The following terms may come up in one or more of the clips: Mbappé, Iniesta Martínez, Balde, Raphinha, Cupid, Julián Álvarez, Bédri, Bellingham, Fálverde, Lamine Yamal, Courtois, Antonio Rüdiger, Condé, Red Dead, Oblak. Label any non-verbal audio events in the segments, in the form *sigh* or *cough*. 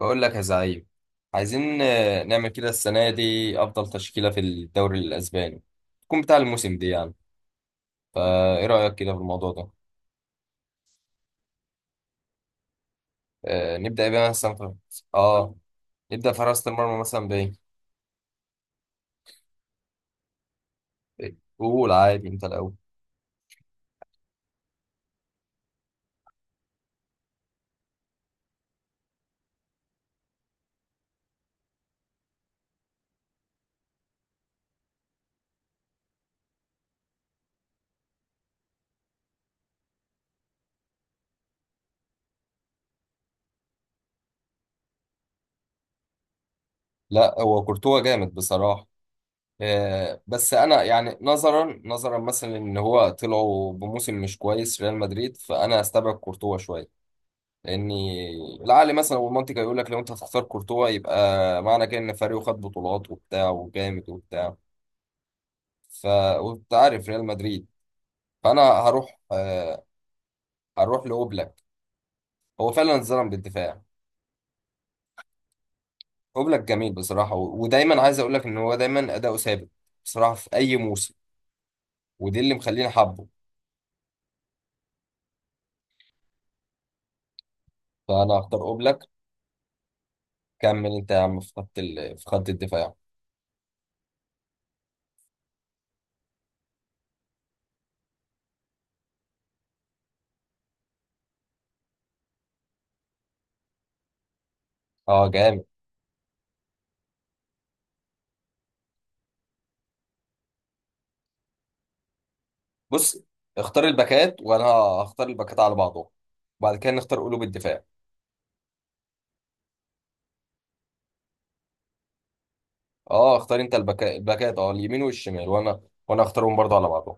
بقول لك يا زعيم. عايزين نعمل كده السنة دي أفضل تشكيلة في الدوري الأسباني تكون بتاع الموسم دي يعني. فإيه رأيك كده في الموضوع ده؟ آه نبدأ بيها مثلا آه نبدأ في حراسة المرمى مثلا بإيه؟ إيه؟ قول عادي أنت الأول. لا هو كورتوا جامد بصراحة. آه بس أنا يعني نظرا مثلا إن هو طلعوا بموسم مش كويس ريال مدريد فأنا أستبعد كورتوا شوية. لاني العقل مثلا والمنطق هيقول لك لو انت هتختار كورتوا يبقى معنى كده ان فريقه خد بطولات وبتاع وجامد وبتاع. ف وانت عارف ريال مدريد. فانا هروح هروح لاوبلاك. هو فعلا اتظلم بالدفاع. اوبلاك جميل بصراحه ودايما عايز اقول لك ان هو دايما اداؤه ثابت بصراحه في اي موسم. ودي اللي مخليني حابه. فانا هختار اوبلاك. كمل انت يا عم في في خط الدفاع. اه جامد. بص اختار الباكات وانا هختار الباكات على بعضهم وبعد كده نختار قلوب الدفاع. اه اختار انت الباكات اه اليمين والشمال وانا اختارهم برضه على بعضهم.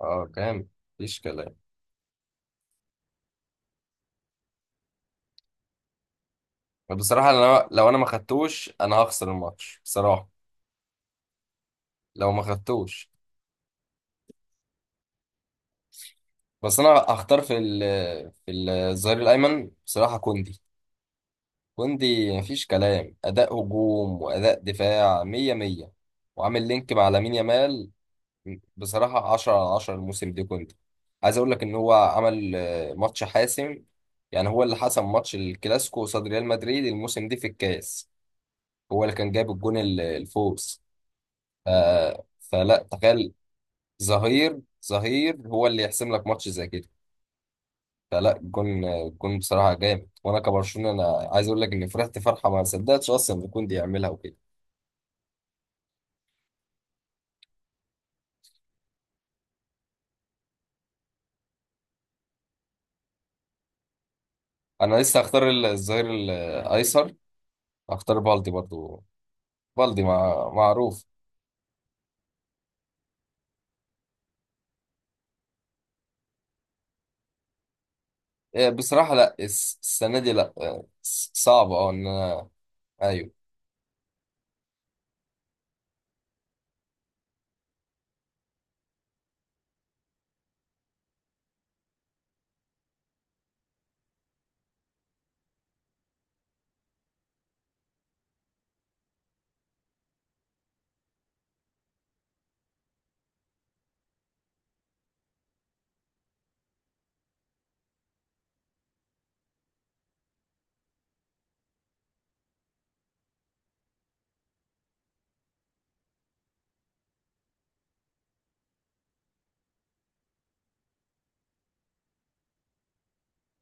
اه كام. مفيش كلام بصراحه. انا لو ما خدتوش انا هخسر الماتش بصراحه لو ما خدتوش. بس انا هختار في الظهير الايمن بصراحه كوندي. كوندي مفيش كلام اداء هجوم واداء دفاع مية مية. وعامل لينك مع لامين يامال. بصراحة 10 على 10 الموسم ده كنت عايز أقول لك إن هو عمل ماتش حاسم. يعني هو اللي حسم ماتش الكلاسيكو قصاد ريال مدريد الموسم ده في الكاس. هو اللي كان جايب الجون الفوز. ف... فلا تخيل. ظهير ظهير هو اللي يحسم لك ماتش زي كده. فلا الجون بصراحة جامد وأنا كبرشلونة أنا عايز أقول لك إني فرحت فرحة ما صدقتش أصلا إن كوندي يعملها وكده. أنا لسه هختار الظهير الأيسر. هختار بالدي برضو. بالدي معروف. بصراحة لا السنة دي لا صعبة اه ان انا. ايوه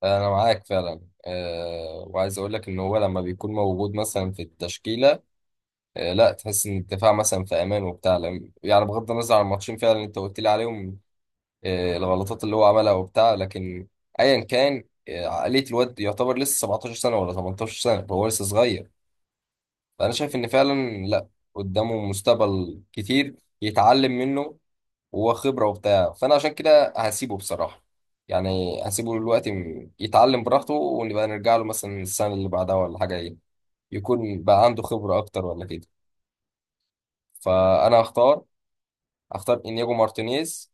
انا معاك فعلا. أه وعايز اقول لك ان هو لما بيكون موجود مثلا في التشكيلة. أه لا تحس ان الدفاع مثلا في امان وبتاع يعني بغض النظر عن الماتشين فعلا اللي انت قلت لي عليهم. أه الغلطات اللي هو عملها وبتاع لكن ايا كان عقلية الواد يعتبر لسه 17 سنة ولا 18 سنة فهو لسه صغير. فانا شايف ان فعلا لا قدامه مستقبل كتير يتعلم منه وخبرة وبتاع. فأنا عشان كده هسيبه بصراحة. يعني هسيبه دلوقتي يتعلم براحته ونبقى نرجع له مثلا السنة اللي بعدها ولا حاجة إيه. يكون بقى عنده خبرة أكتر ولا كده. فأنا هختار. هختار إنياجو مارتينيز.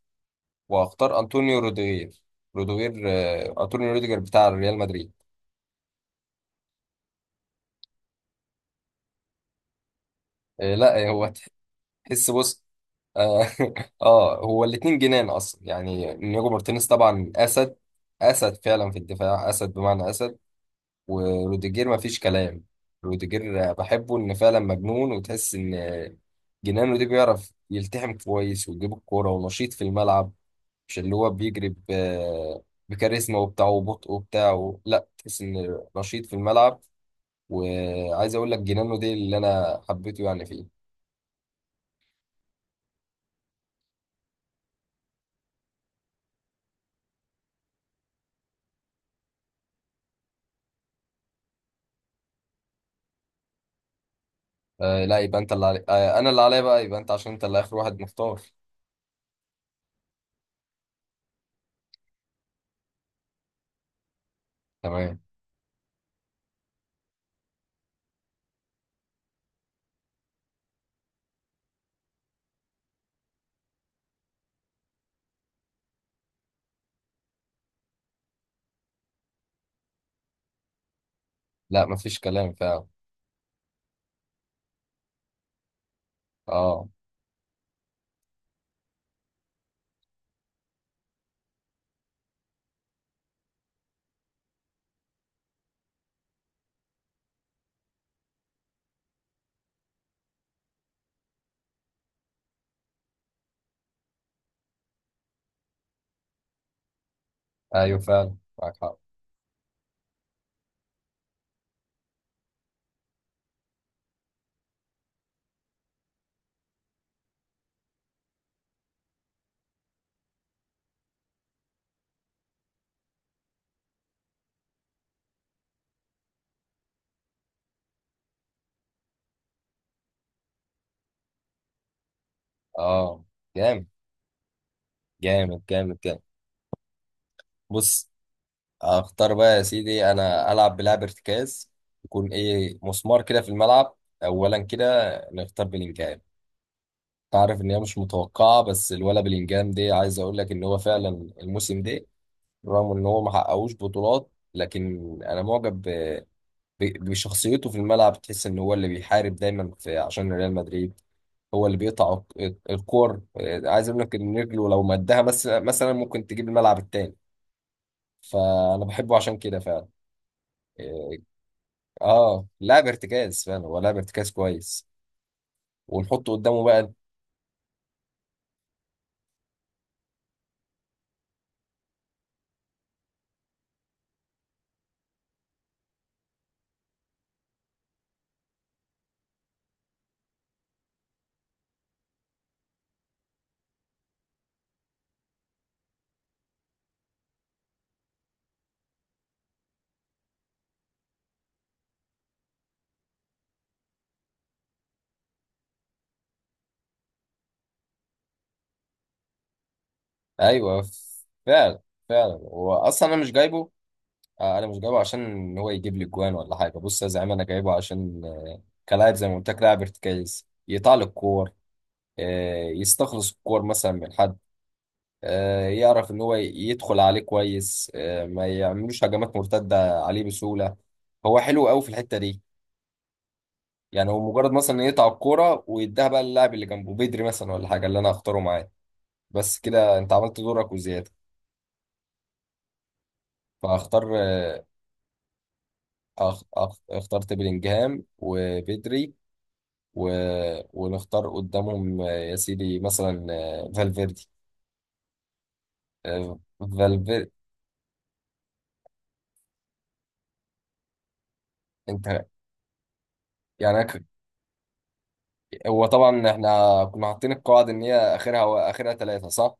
وهختار أنطونيو روديغير. روديغير أنطونيو روديغير بتاع ريال مدريد. لا هو *laughs* تحس بص. اه *laughs* هو الاتنين جنان اصلا يعني انياجو مارتينيز طبعا اسد. اسد فعلا في الدفاع اسد بمعنى اسد. وروديجير ما فيش كلام. روديجير بحبه ان فعلا مجنون وتحس ان جنانه دي بيعرف يلتحم كويس ويجيب الكوره ونشيط في الملعب. مش اللي هو بكاريزما وبتاع وبطء وبتاع لا تحس ان نشيط في الملعب. وعايز اقول لك جنانه دي اللي انا حبيته يعني فيه. آه لا يبقى انت انا اللي عليا بقى يبقى انت عشان انت اللي اخر واحد مختار. تمام. لا مفيش كلام فعلا. اه ايوه فعلا معاك حق. اه جامد جامد جامد جامد. بص اختار بقى يا سيدي انا العب بلعب ارتكاز يكون ايه مسمار كده في الملعب اولا كده نختار بلينجهام. تعرف ان هي مش متوقعه بس الولا بلينجهام دي عايز اقول لك ان هو فعلا الموسم ده رغم ان هو ما حققوش بطولات لكن انا معجب بشخصيته في الملعب. تحس ان هو اللي بيحارب دايما في عشان ريال مدريد. هو اللي بيقطع الكور. عايز اقول لك ان رجله لو مدها بس مثلا ممكن تجيب الملعب التاني. فانا بحبه عشان كده فعلا. اه لاعب ارتكاز فعلا هو لاعب ارتكاز كويس. ونحطه قدامه بقى. ايوه فعلا. فعلا هو اصلا انا مش جايبه. انا مش جايبه عشان ان هو يجيب لي جوان ولا حاجه. بص يا زعيم انا جايبه عشان كلاعب زي ما قلت لك لاعب ارتكاز يطلع الكور. يستخلص الكور مثلا من حد. يعرف ان هو يدخل عليه كويس ما يعملوش هجمات مرتده عليه بسهوله. هو حلو قوي في الحته دي. يعني هو مجرد مثلا إن يقطع الكوره ويديها بقى للاعب اللي جنبه بدري مثلا ولا حاجه اللي انا هختاره معاه. بس كده انت عملت دورك وزياده. فاختار. اخترت بلينجهام وبدري. و... ونختار قدامهم يا سيدي مثلا فالفيردي. آه، فالفيردي. انت يعني هو طبعا احنا كنا حاطين القواعد ان هي اخرها اخرها ثلاثه صح.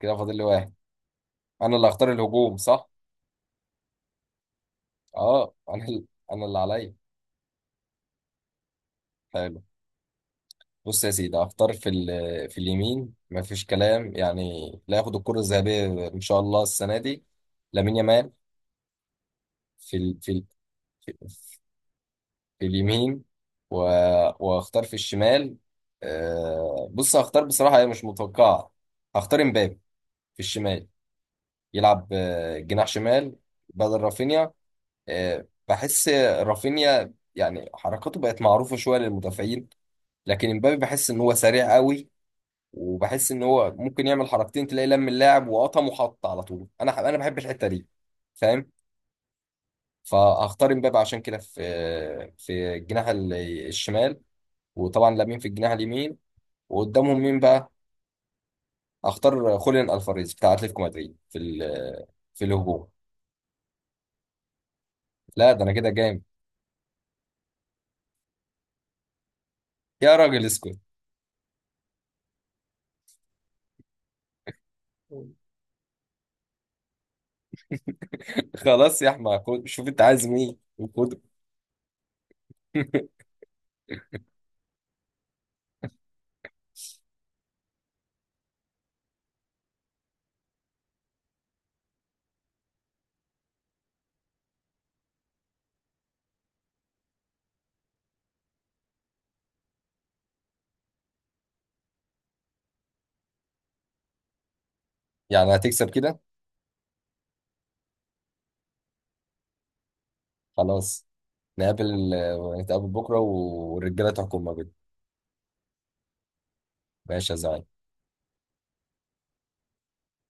كده فاضل لي واحد. انا اللي هختار الهجوم صح. اه انا اللي عليا. بص يا سيدي هختار في في اليمين مفيش كلام يعني لا ياخد الكرة الذهبية إن شاء الله السنة دي لامين يامال. في ال في ال في, في اليمين. واختار في الشمال. بص هختار بصراحة هي مش متوقعة. هختار امبابي في الشمال يلعب جناح شمال بدل رافينيا. بحس رافينيا يعني حركاته بقت معروفة شوية للمدافعين. لكن امبابي بحس ان هو سريع قوي. وبحس ان هو ممكن يعمل حركتين تلاقي لم اللاعب وقطم وحط على طول. انا بحب الحته دي. فاهم. فهختار امبابه عشان كده في في الشمال. وطبعا لامين في الجناح اليمين. وقدامهم مين بقى. هختار خوليان الفاريز بتاع اتلتيكو مدريد في في الهجوم. لا ده انا كده جامد. يا راجل اسكت. خلاص يا احمد شوف انت عايز مين وخده. *laughs* يعني هتكسب كده. خلاص. نقابل. نتقابل بكره والرجاله تحكم ما بينهم. ماشي يا زعيم.